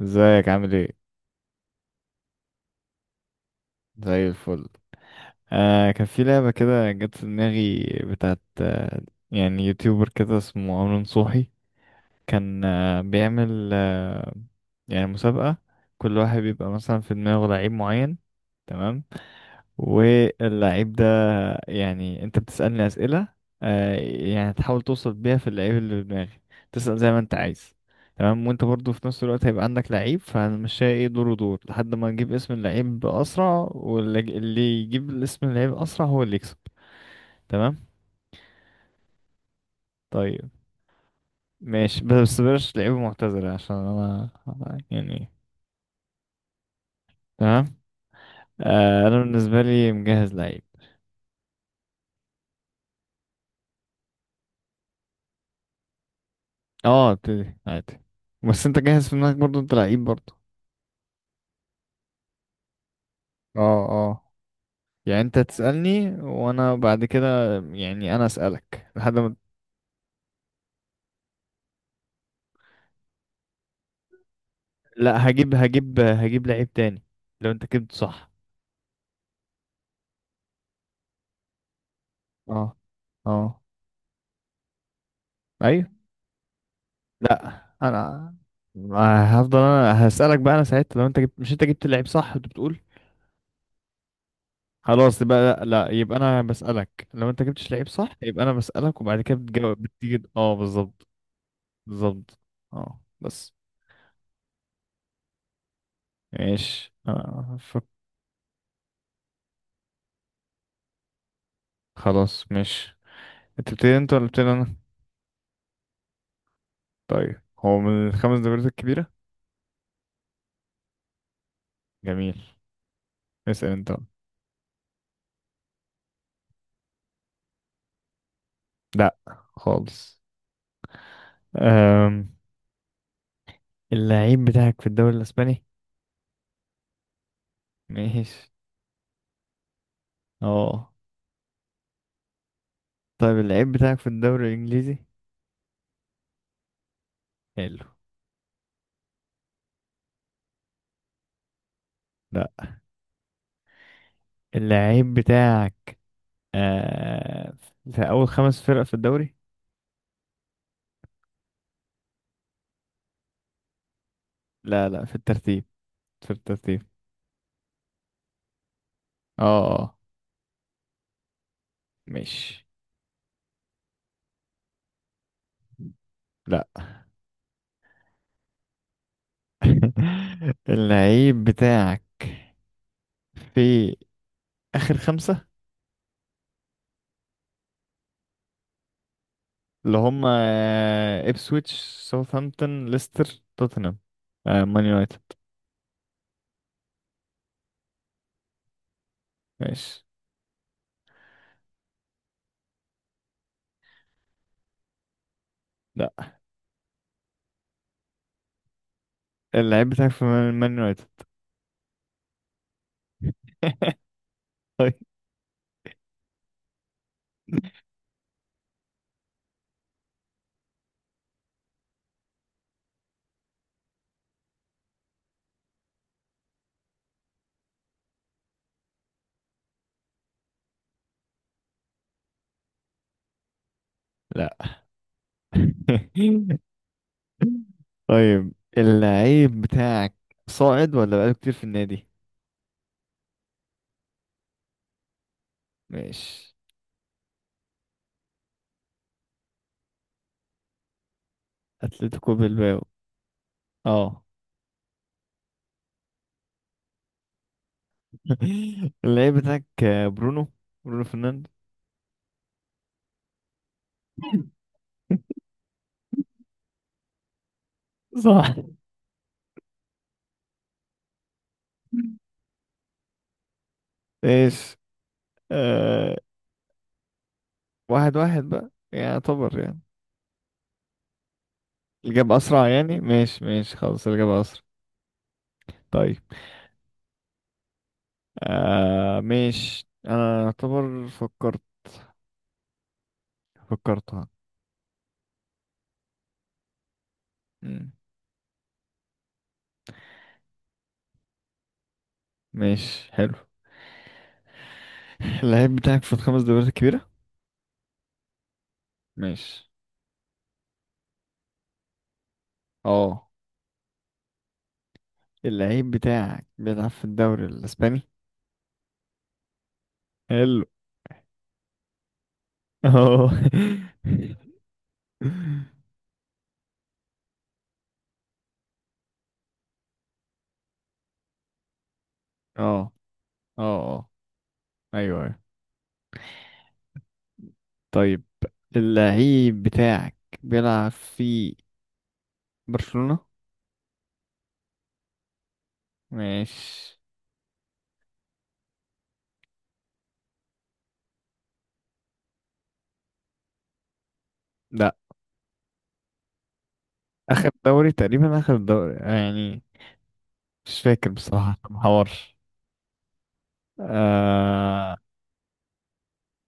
ازيك عامل ايه؟ زي الفل. كان في لعبة كده جت في دماغي بتاعت يعني يوتيوبر كده اسمه عمرو نصوحي. كان بيعمل يعني مسابقة. كل واحد بيبقى مثلا في دماغه لعيب معين، تمام. واللعيب ده يعني انت بتسألني أسئلة، يعني تحاول توصل بيها في اللعيب اللي في دماغي. تسأل زي ما انت عايز. تمام، وانت برضو في نفس الوقت هيبقى عندك لعيب، فهنمشيها ايه دور ودور لحد ما نجيب اسم اللعيب أسرع، واللي يجيب اسم اللعيب أسرع هو اللي يكسب. تمام. طيب ماشي، بس بلاش لعيبة معتزلة عشان انا يعني. تمام. انا بالنسبة لي مجهز لعيب. اه ابتدي عادي، بس انت جاهز في دماغك برضو انت لعيب برضو. اه اه، يعني انت تسألني وانا بعد كده يعني انا أسألك لحد ما. لا هجيب لعيب تاني لو انت جبت صح. اه اه. ايوه. لا، انا ما هفضل، انا هسألك بقى، انا ساعتها لو انت جبت، مش انت جبت اللعيب صح انت بتقول. خلاص يبقى لا لا، يبقى انا بسألك لو انت جبتش لعيب صح، يبقى انا بسألك وبعد كده بتجاوب بتيجي اه بالظبط. بالظبط. اه بس. ماشي آه. فك- خلاص ماشي. انت بتبتدي انت ولا بتبتدي انا؟ طيب، هو من الخمس دوريات الكبيرة؟ جميل. اسأل انت بقى. لا، خالص. أم... اللعيب بتاعك في الدوري الأسباني؟ ماشي. اه. طيب، اللعيب بتاعك في الدوري الإنجليزي؟ حلو. لا. اللعيب بتاعك آه... في أول خمس فرق في الدوري؟ لا لا، في الترتيب. في الترتيب. اه اه. ماشي. لا. اللعيب بتاعك في آخر خمسة، اللي هم إبسويتش، ساوثهامبتون، ليستر، توتنهام، مان يونايتد. ماشي. لا. اللعيب بتاعك في مان يونايتد. طيب. لا. طيب. اللعيب بتاعك صاعد ولا بقاله كتير في النادي؟ ماشي. اتلتيكو بالباو. اه. اللعيب بتاعك برونو، برونو فرنانديز. صح. ايش. آه. واحد واحد بقى يعني يعتبر يعني الإجابة أسرع يعني. ماشي ماشي خلاص، الإجابة أسرع. طيب. ماشي، أنا أعتبر فكرت. فكرتها. مم. ماشي حلو. اللعيب بتاعك في الخمس دوريات الكبيرة؟ ماشي. اه. اللعيب بتاعك بيلعب في الدوري الإسباني؟ حلو. اه. اه اه اه. أيوه أيوه. طيب. اللعيب بتاعك بيلعب في برشلونة؟ ماشي. لا. اخر دوري تقريبا، اخر دوري يعني، مش فاكر بصراحة ما حورش. آه...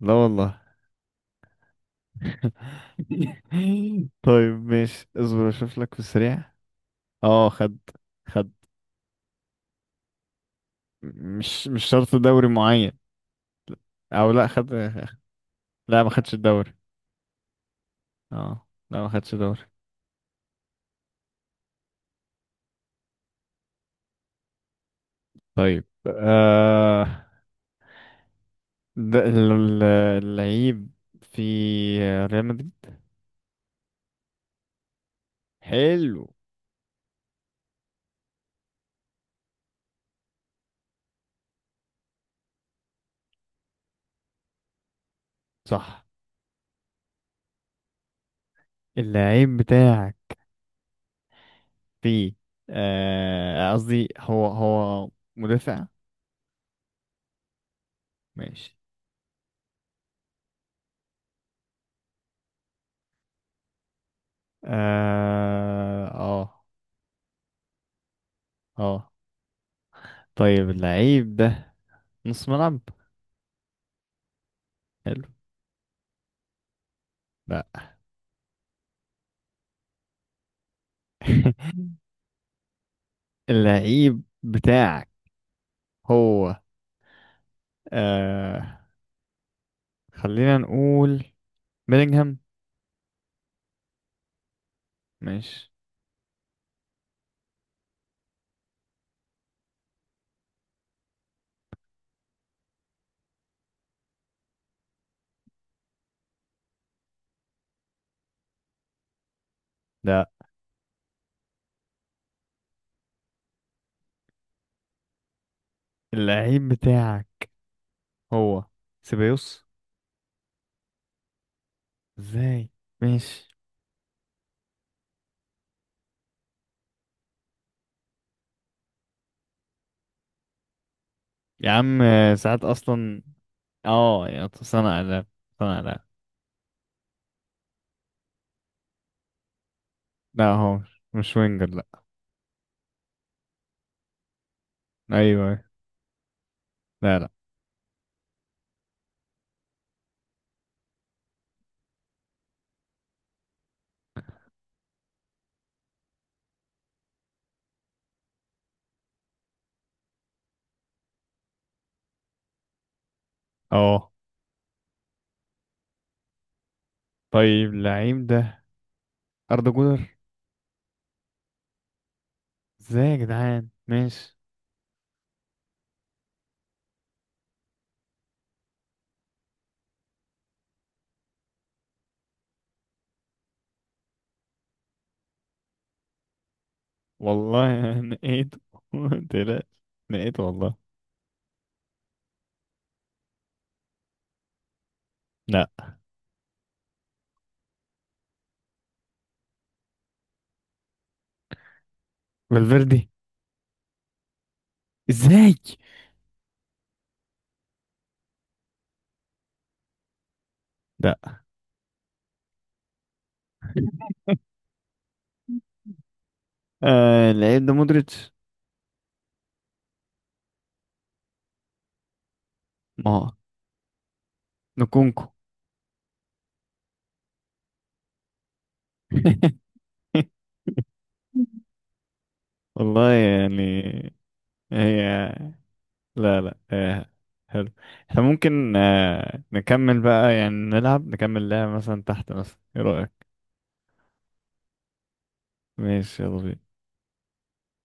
لا والله. طيب ماشي، اصبر اشوف لك في السريع. اه خد. خد. مش شرط دوري معين. او لا خد. لا ما خدش الدوري. اه لا ما خدش دوري. طيب. ده ال- ال- اللعيب في ريال مدريد. حلو. صح. اللعيب بتاعك في قصدي هو هو مدافع؟ ماشي. اه اه. آه. طيب، اللعيب ده نص ملعب؟ حلو. لا. اللعيب بتاعك هو آه خلينا نقول بيلينغهام. ماشي. لا. اللعيب بتاعك هو سيبايوس. ازاي. ماشي. يا عم ساعات اصلا. اه، يا صنع لا. صنع لا. لا، هو مش وينجر، لا. ايوه. لا لا. اه. طيب، اللعيب ده اردا جولر. ازاي يا جدعان، ماشي. والله نقيت. تلاش. نقيت والله. لا. فالفيردي. ازاي. لا، العيب ده مودريتش. ما هو نكونكو. والله يعني. هي. لا لا حلو. احنا ممكن نكمل بقى يعني نلعب نكمل لعبة مثلا تحت، مثلا ايه رأيك؟ ماشي، يلا بينا.